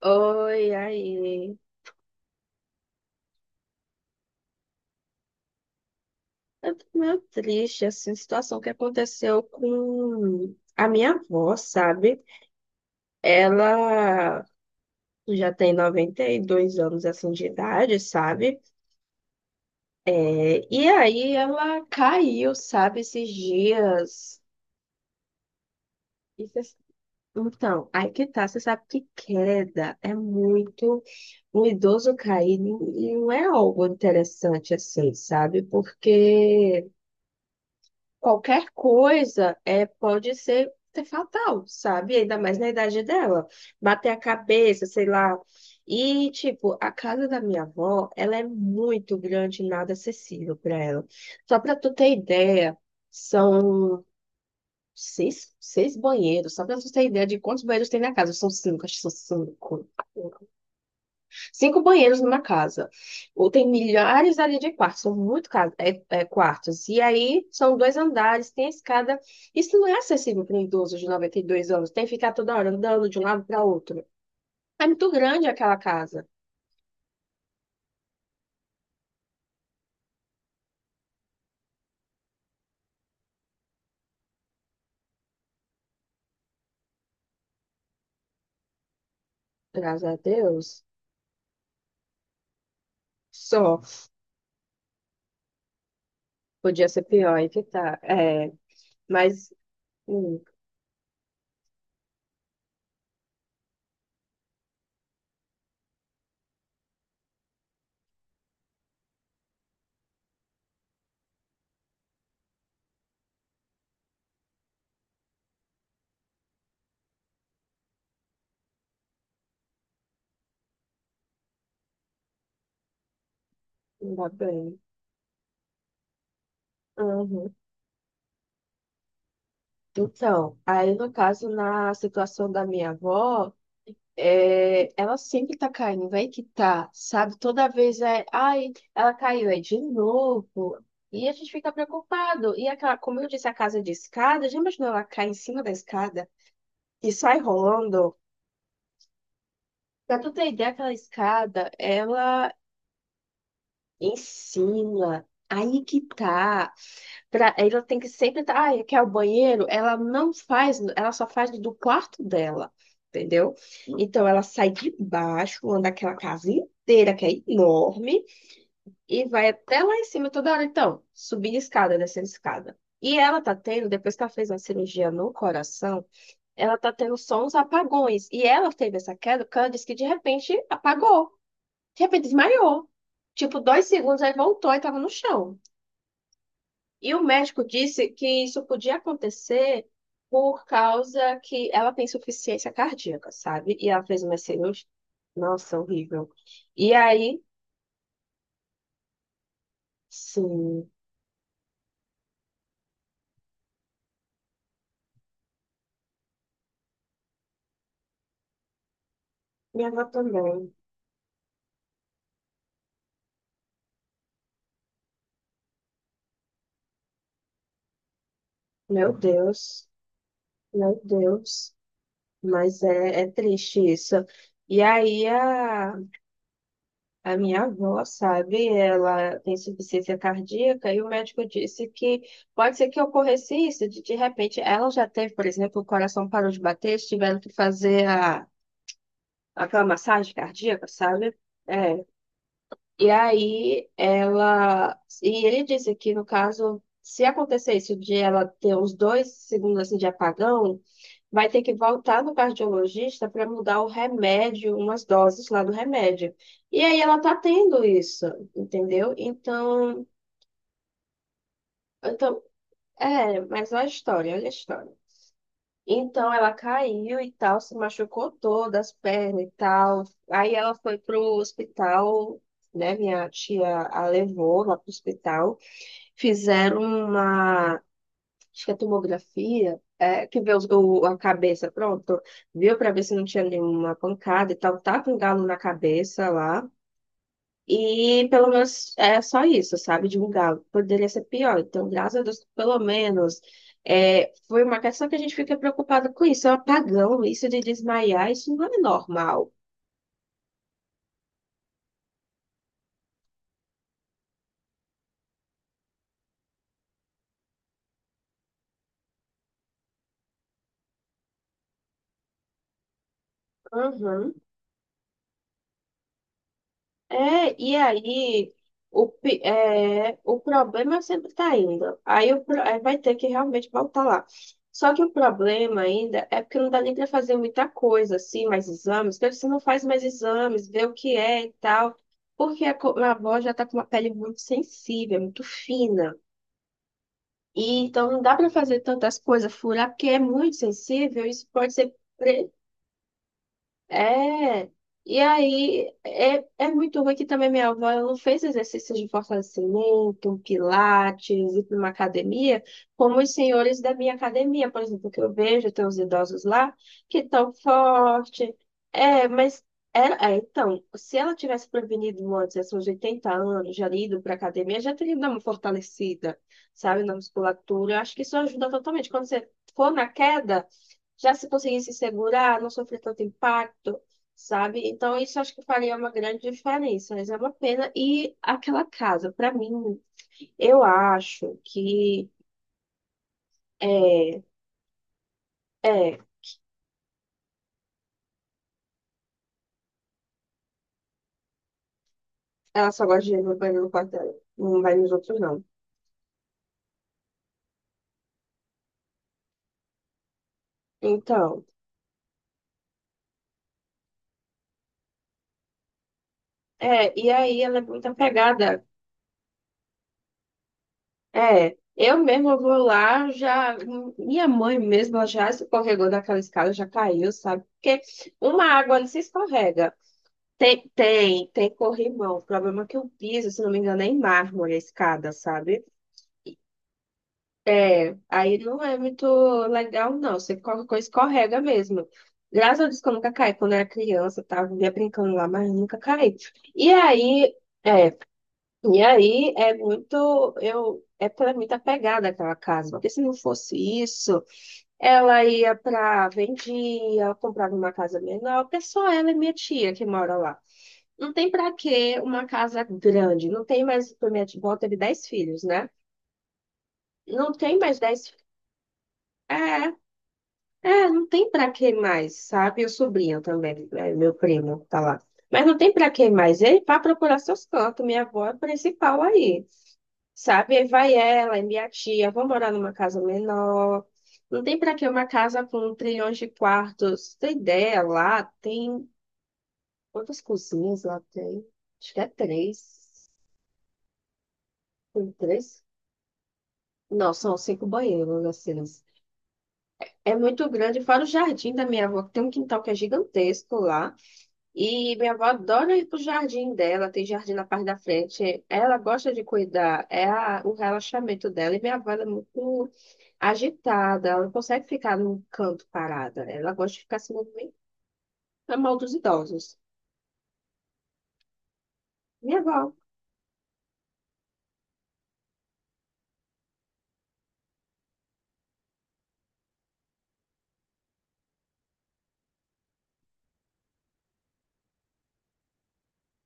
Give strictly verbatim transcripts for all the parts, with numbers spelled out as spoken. Oi, aí. Eu tô meio triste, assim, situação que aconteceu com a minha avó, sabe? Ela já tem noventa e dois anos, assim, de idade, sabe? É, e aí ela caiu, sabe, esses dias. E cês- Então, aí que tá, você sabe que queda é muito... Um idoso cair não não é algo interessante, assim, sabe? Porque qualquer coisa é, pode ser, ser fatal, sabe? Ainda mais na idade dela. Bater a cabeça, sei lá. E, tipo, a casa da minha avó, ela é muito grande e nada acessível para ela. Só para tu ter ideia, são seis, seis banheiros. Só para tu ter ideia de quantos banheiros tem na casa. São cinco, acho que são cinco. Cinco banheiros numa casa. Ou tem milhares ali de quartos, são muito ca- é- é, quartos. E aí são dois andares, tem a escada. Isso não é acessível para um idoso de noventa e dois anos. Tem que ficar toda hora andando de um lado para outro. É muito grande aquela casa. Graças a Deus. Só. Podia ser pior, aí que tá. É, mas hum, não dá bem. Uhum. Então, aí no caso, na situação da minha avó. É, ela sempre tá caindo, vai que tá, sabe? Toda vez é, ai, ela caiu, é de novo. E a gente fica preocupado. E aquela, como eu disse, a casa de escada, já imaginou ela cai em cima da escada e sai rolando? Pra tu ter ideia, aquela escada, ela ensina. Aí que tá. Pra- ela tem que sempre estar. Ah, quer o banheiro? Ela não faz, ela só faz do quarto dela, entendeu? Então ela sai de baixo, anda aquela casa inteira, que é enorme, e vai até lá em cima toda hora. Então, subir escada, descer escada. E ela tá tendo, depois que ela fez uma cirurgia no coração, ela tá tendo só uns apagões. E ela teve essa queda, porque ela disse que de repente apagou, de repente desmaiou. Tipo, dois segundos, aí voltou e tava no chão. E o médico disse que isso podia acontecer por causa que ela tem insuficiência cardíaca, sabe? E ela fez uma cirurgia. Nossa, horrível. E aí, sim, minha avó também. Meu Deus, meu Deus. Mas é, é triste isso. E aí, a A minha avó, sabe, ela tem insuficiência cardíaca e o médico disse que pode ser que ocorresse isso, de, de repente ela já teve, por exemplo, o coração parou de bater, eles tiveram que fazer a, aquela massagem cardíaca, sabe? É. E aí ela. E ele disse que, no caso, se acontecer isso de ela ter uns dois segundos assim, de apagão vai ter que voltar no cardiologista para mudar o remédio, umas doses lá do remédio. E aí ela tá tendo isso, entendeu? Então, então, é, mas olha a história, olha a história. Então ela caiu e tal, se machucou toda as pernas e tal. Aí ela foi pro hospital, né? Minha tia a levou lá pro hospital, fizeram uma acho que a tomografia, é, que vê os- o, a cabeça, pronto, viu para ver se não tinha nenhuma pancada e tal, tá com um galo na cabeça lá. E pelo menos é só isso, sabe? De um galo. Poderia ser pior. Então, graças a Deus, pelo menos é, foi uma questão que a gente fica preocupada com isso. É um apagão, isso de desmaiar, isso não é normal. Uhum. É, e aí o, pi- é, o problema sempre está indo. Aí, o, pro- aí vai ter que realmente voltar lá. Só que o problema ainda é porque não dá nem para fazer muita coisa, assim, mais exames, porque você não faz mais exames, vê o que é e tal. Porque a, co- minha avó já está com uma pele muito sensível, muito fina. E então não dá para fazer tantas coisas, furar, porque é muito sensível, isso pode ser é, e aí é, é muito ruim que também minha avó ela não fez exercícios de fortalecimento, pilates, ir para uma academia, como os senhores da minha academia, por exemplo, que eu vejo, tem os idosos lá, que estão forte. É, mas ela, é, então, se ela tivesse prevenido antes, assim, uns oitenta anos, já ido para academia, já teria dado uma fortalecida, sabe, na musculatura. Eu acho que isso ajuda totalmente. Quando você for na queda já se conseguisse segurar, não sofrer tanto impacto, sabe? Então, isso acho que faria uma grande diferença, mas é uma pena. E aquela casa, para mim, eu acho que é, é, ela só gosta de ir no banheiro no quarto dela, não vai nos outros, não. Então, é, e aí ela é muito apegada. É, eu mesma vou lá, já, minha mãe mesmo, ela já escorregou daquela escada, já caiu, sabe? Porque uma água ali se escorrega. Tem, tem, tem corrimão. O problema é que o piso, se não me engano, é em mármore a escada, sabe? É, aí não é muito legal, não. Você qualquer coisa escorrega mesmo. Graças a Deus que eu nunca caí. Quando eu era criança, eu tava vivia brincando lá, mas nunca caí. E aí, é, e aí é muito, eu, é pra mim tá pegada aquela casa. Porque se não fosse isso, ela ia pra, vendia, ela comprava uma casa menor, porque só ela e minha tia que mora lá. Não tem para que uma casa grande, não tem mais, por minha avó teve dez filhos, né? Não tem mais dez fi- é, é, Não tem para que mais, sabe? E o sobrinho também, é, meu primo, tá lá. Mas não tem para que mais, ele vai procurar seus cantos, minha avó é a principal aí, sabe? Aí vai ela e minha tia, vão morar numa casa menor. Não tem para que uma casa com trilhões de quartos, tem ideia lá, tem quantas cozinhas lá tem? Acho que é três. Tem três Não, são cinco banheiros, assim. É muito grande, fora o jardim da minha avó, que tem um quintal que é gigantesco lá. E minha avó adora ir pro jardim dela, tem jardim na parte da frente. Ela gosta de cuidar, é a- o relaxamento dela. E minha avó ela é muito agitada, ela não consegue ficar num canto parada. Ela gosta de ficar se movimentando, é mal dos idosos. Minha avó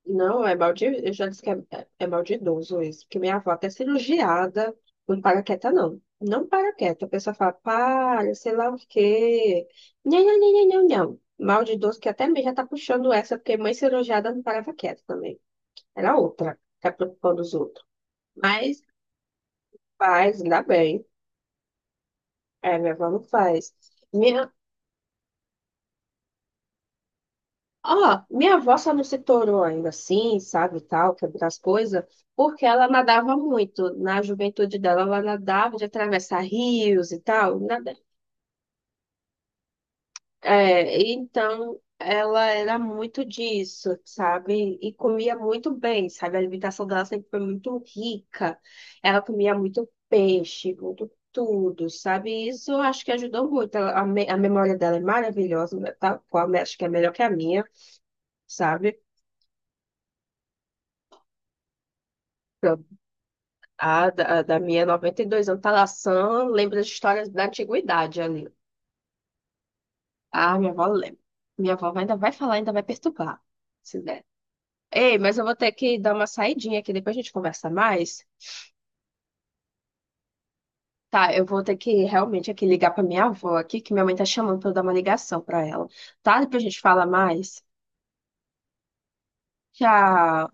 Não, é maldi... eu já disse que é, é é maldidoso isso, porque minha avó é até cirurgiada, não para quieta, não. Não para quieta, a pessoa fala, para, sei lá o quê. Não, não, não, não, não, não. Maldidoso que até mesmo já tá puxando essa, porque mãe cirurgiada não parava quieta também. Era outra, tá preocupando os outros. Mas faz, ainda bem. É, minha avó não faz. Minha Ó, Minha avó só não se tornou ainda assim, sabe, tal, quebrar as coisas, porque ela nadava muito. Na juventude dela, ela nadava de atravessar rios e tal. nada- É, então, ela era muito disso, sabe? E comia muito bem, sabe? A alimentação dela sempre foi muito rica. Ela comia muito peixe, muito tudo, sabe? Isso eu acho que ajudou muito. Ela- A, me- a memória dela é maravilhosa, né, tá? Qual- Acho que é melhor que a minha, sabe? A da, a da minha noventa e dois anos, Talassã, lembra das histórias da antiguidade ali. Ah, minha avó lembra. Minha avó ainda vai falar, ainda vai perturbar, se der. Ei, mas eu vou ter que dar uma saidinha aqui, depois a gente conversa mais. Tá, eu vou ter que realmente aqui ligar pra minha avó aqui, que minha mãe tá chamando pra eu dar uma ligação pra ela. Tá? Depois a gente fala mais. Tchau.